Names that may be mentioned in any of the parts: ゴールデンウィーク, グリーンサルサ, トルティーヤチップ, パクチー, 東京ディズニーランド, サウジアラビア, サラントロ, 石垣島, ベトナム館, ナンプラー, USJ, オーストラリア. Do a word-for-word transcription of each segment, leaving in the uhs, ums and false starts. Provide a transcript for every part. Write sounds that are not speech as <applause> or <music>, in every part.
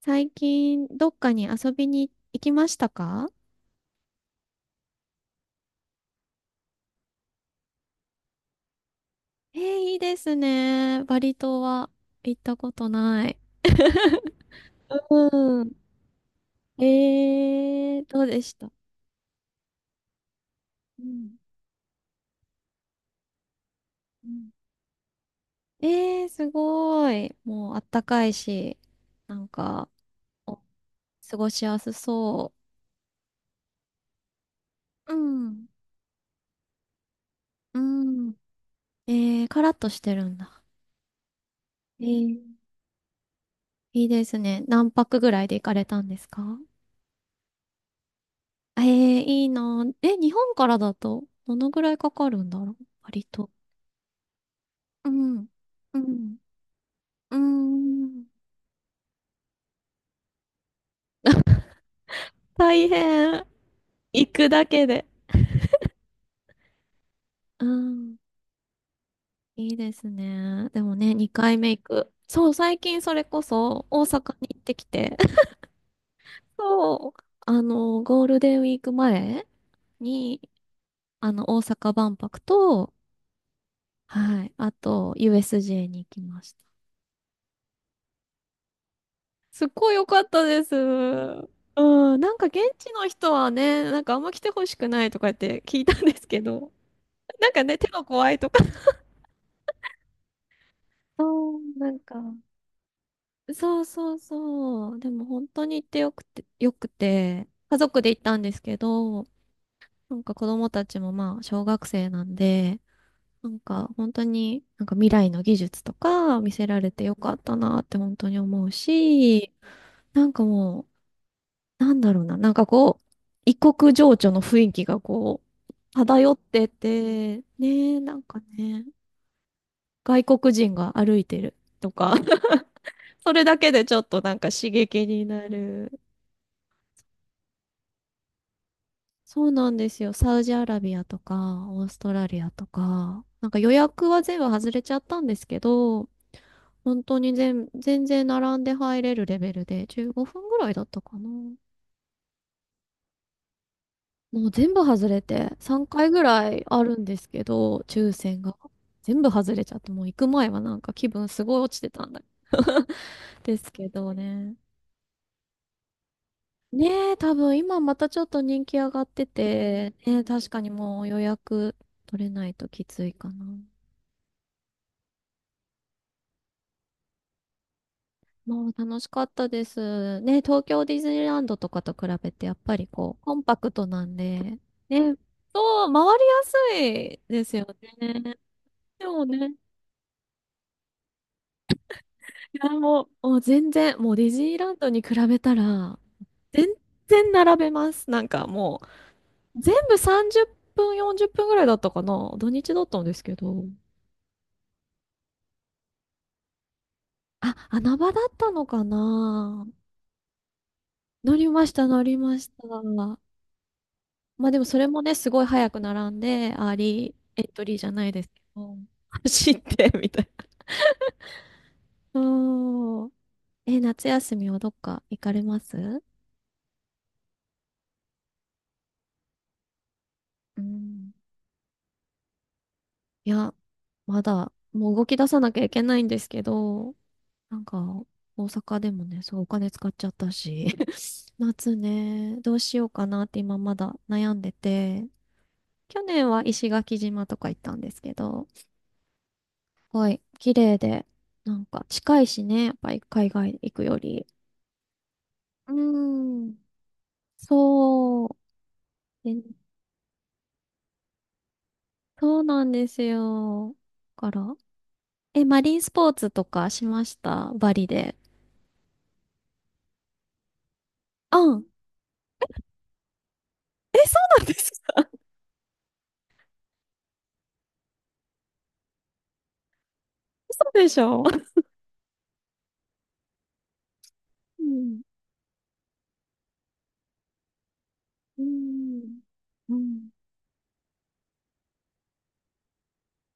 最近、どっかに遊びに行きましたか？えー、いいですね。バリ島は行ったことない。<laughs> うん。えー、どうでした？うんうん。えー、すごい。もうあったかいし、なんか、お過ごしやすそう。うん。うん。えー、カラッとしてるんだ。えーいいですね。何泊ぐらいで行かれたんですか？ええ、いいな。え、日本からだと、どのぐらいかかるんだろう割と。うん。うん。うん。大変。行くだけで。うん。いいですね。でもね、にかいめ行く。そう、最近それこそ大阪に行ってきて、<laughs> そう。あの、ゴールデンウィーク前に、あの、大阪万博と、はい、あと、ユーエスジェー に行きました。すっごい良かったです。うん、なんか現地の人はね、なんかあんま来てほしくないとかって聞いたんですけど、<laughs> なんかね、手が怖いとか。そう、なんか。そうそうそう。でも本当に行ってよくて、よくて、家族で行ったんですけど、なんか子供たちもまあ小学生なんで、なんか本当になんか未来の技術とか見せられてよかったなって本当に思うし、なんかもうなんだろうな、なんかこう、異国情緒の雰囲気がこう、漂ってて、ねえ、なんかね、外国人が歩いてるとか、<laughs> それだけでちょっとなんか刺激になる。そうなんですよ。サウジアラビアとか、オーストラリアとか、なんか予約は全部外れちゃったんですけど、本当に全、全然並んで入れるレベルで、じゅうごふんぐらいだったかな。もう全部外れて、さんかいぐらいあるんですけど、抽選が。全部外れちゃって、もう行く前はなんか気分すごい落ちてたんだ。<laughs> ですけどね。ねえ、多分今またちょっと人気上がってて、ねえ、確かにもう予約取れないときついかな。もう楽しかったです。ねえ、東京ディズニーランドとかと比べてやっぱりこう、コンパクトなんで、ねえ、そう、回りやすいですよね。でもね、いや、もう、もう全然、もうディズニーランドに比べたら、全然並べます。なんかもう、全部さんじゅっぷん、よんじゅっぷんぐらいだったかな。土日だったんですけど。あ、穴場だったのかな。乗りました、乗りました。まあでもそれもね、すごい早く並んで、アーリーエントリーじゃないですけど、<laughs> 走って、みたいな。うん。え、夏休みはどっか行かれます？うん。いや、まだ、もう動き出さなきゃいけないんですけど、なんか、大阪でもね、すごいお金使っちゃったし、<laughs> 夏ね、どうしようかなって今まだ悩んでて、去年は石垣島とか行ったんですけど、すごい綺麗で、なんか近いしね、やっぱり海外行くより。うーん、そう、え、そうなんですよ。だから、え、マリンスポーツとかしました？バリで。うん。え、そうなんですか？嘘でしょ？うん。うん。うん。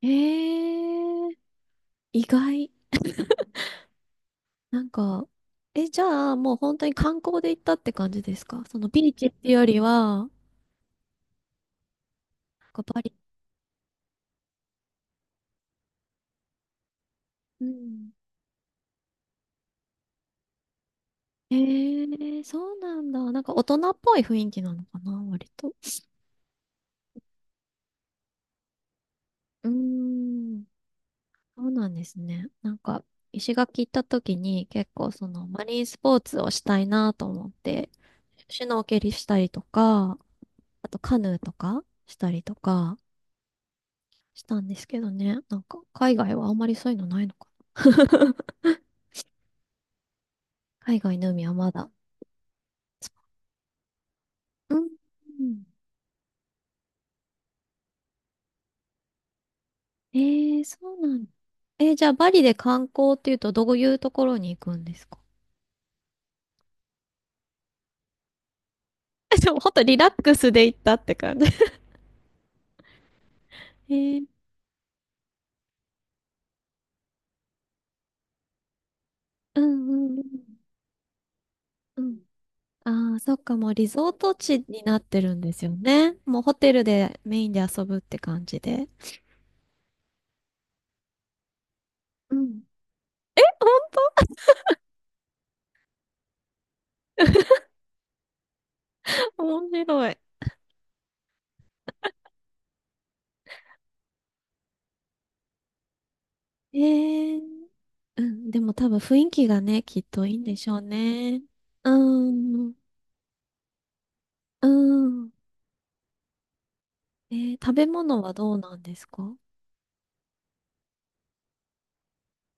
ええ、意外。なんか、え、じゃあ、もう本当に観光で行ったって感じですか？そのビーチっていうよりは、なんかパリ。うん。ええ、そうなんだ。なんか大人っぽい雰囲気なのかな、割と。うーん。そうなんですね。なんか、石垣行った時に結構そのマリンスポーツをしたいなと思って、シュノーケリしたりとか、あとカヌーとかしたりとかしたんですけどね。なんか海外はあんまりそういうのないのかな。<laughs> 海外の海はまだ。うん。えー、そうなんだ。えーじゃあバリで観光っていうとどういうところに行くんですか？ <laughs> でもほんとリラックスで行ったって感じ。<laughs> えー、うんうんうん。うん。ああ、そっか、もうリゾート地になってるんですよね。もうホテルでメインで遊ぶって感じで。うん。本当面白い。えーうん、でも多分雰囲気がね、きっといいんでしょうね。うん、うん。えー食べ物はどうなんですか？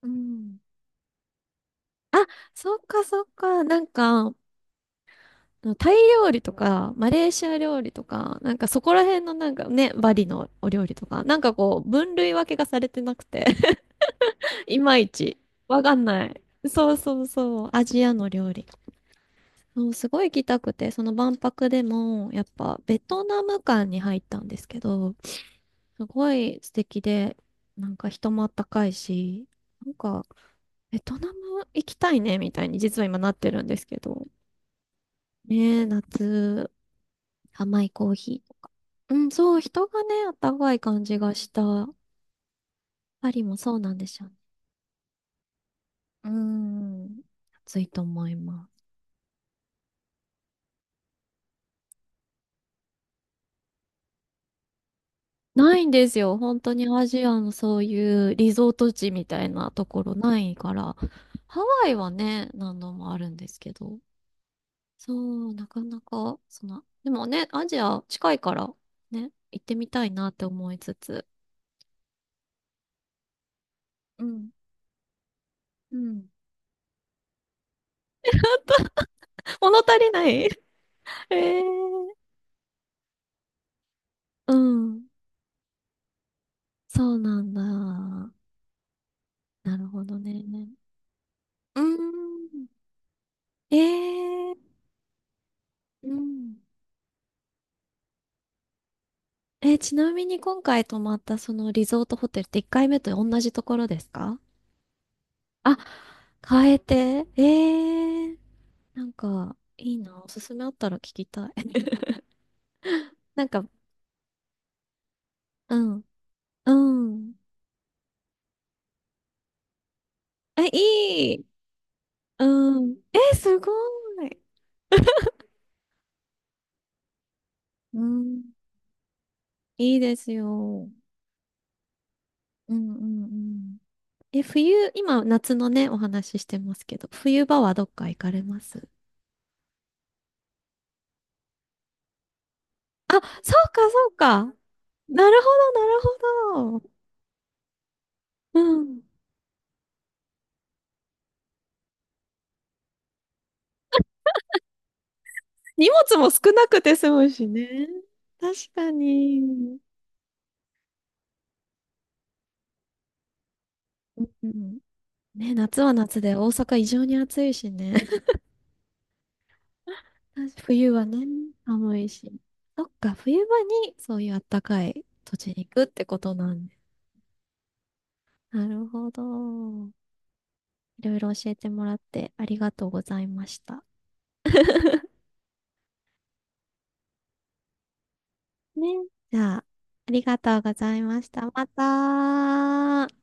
うん。あ、そっかそっか。なんか、タイ料理とか、マレーシア料理とか、なんかそこら辺のなんかね、バリのお料理とか、なんかこう、分類分けがされてなくて <laughs> いまいち、わかんない。そうそうそう、アジアの料理。そう、すごい行きたくて、その万博でも、やっぱベトナム館に入ったんですけど、すごい素敵で、なんか人もあったかいし、なんか、ベトナム行きたいね、みたいに実は今なってるんですけど。ねえ、夏、甘いコーヒーとか。うん、そう、人がね、あったかい感じがした。パリもそうなんでしょうね。うん、暑いと思います。ないんですよ。本当にアジアのそういうリゾート地みたいなところないから。ハワイはね、何度もあるんですけど。そう、なかなか、その、でもね、アジア近いから、ね、行ってみたいなって思いつつ。うん、うん。<laughs> 物足りない <laughs> ええ。うん。そうなんだ。なるほどね。うーん。ええ。うん。えー、ちなみに今回泊まったそのリゾートホテルっていっかいめと同じところですか？あ、変えて。ええ、なんか、いいな。おすすめあったら聞きたい。<laughs> なんか、うん。うん。え、いい。うん。え、すごい。うん。いいですよ。うんうんうん。え、冬、今、夏のね、お話ししてますけど、冬場はどっか行かれます？あ、そうか、そうか。なるほど、なるほど。うん。荷物も少なくて済むしね。確かに。うんね、夏は夏で大阪異常に暑いしね。確か冬はね、寒いし。そっか、冬場にそういうあったかい土地に行くってことなんで。なるほど。いろいろ教えてもらってありがとうございました。<laughs> ね。じゃあ、ありがとうございました。また。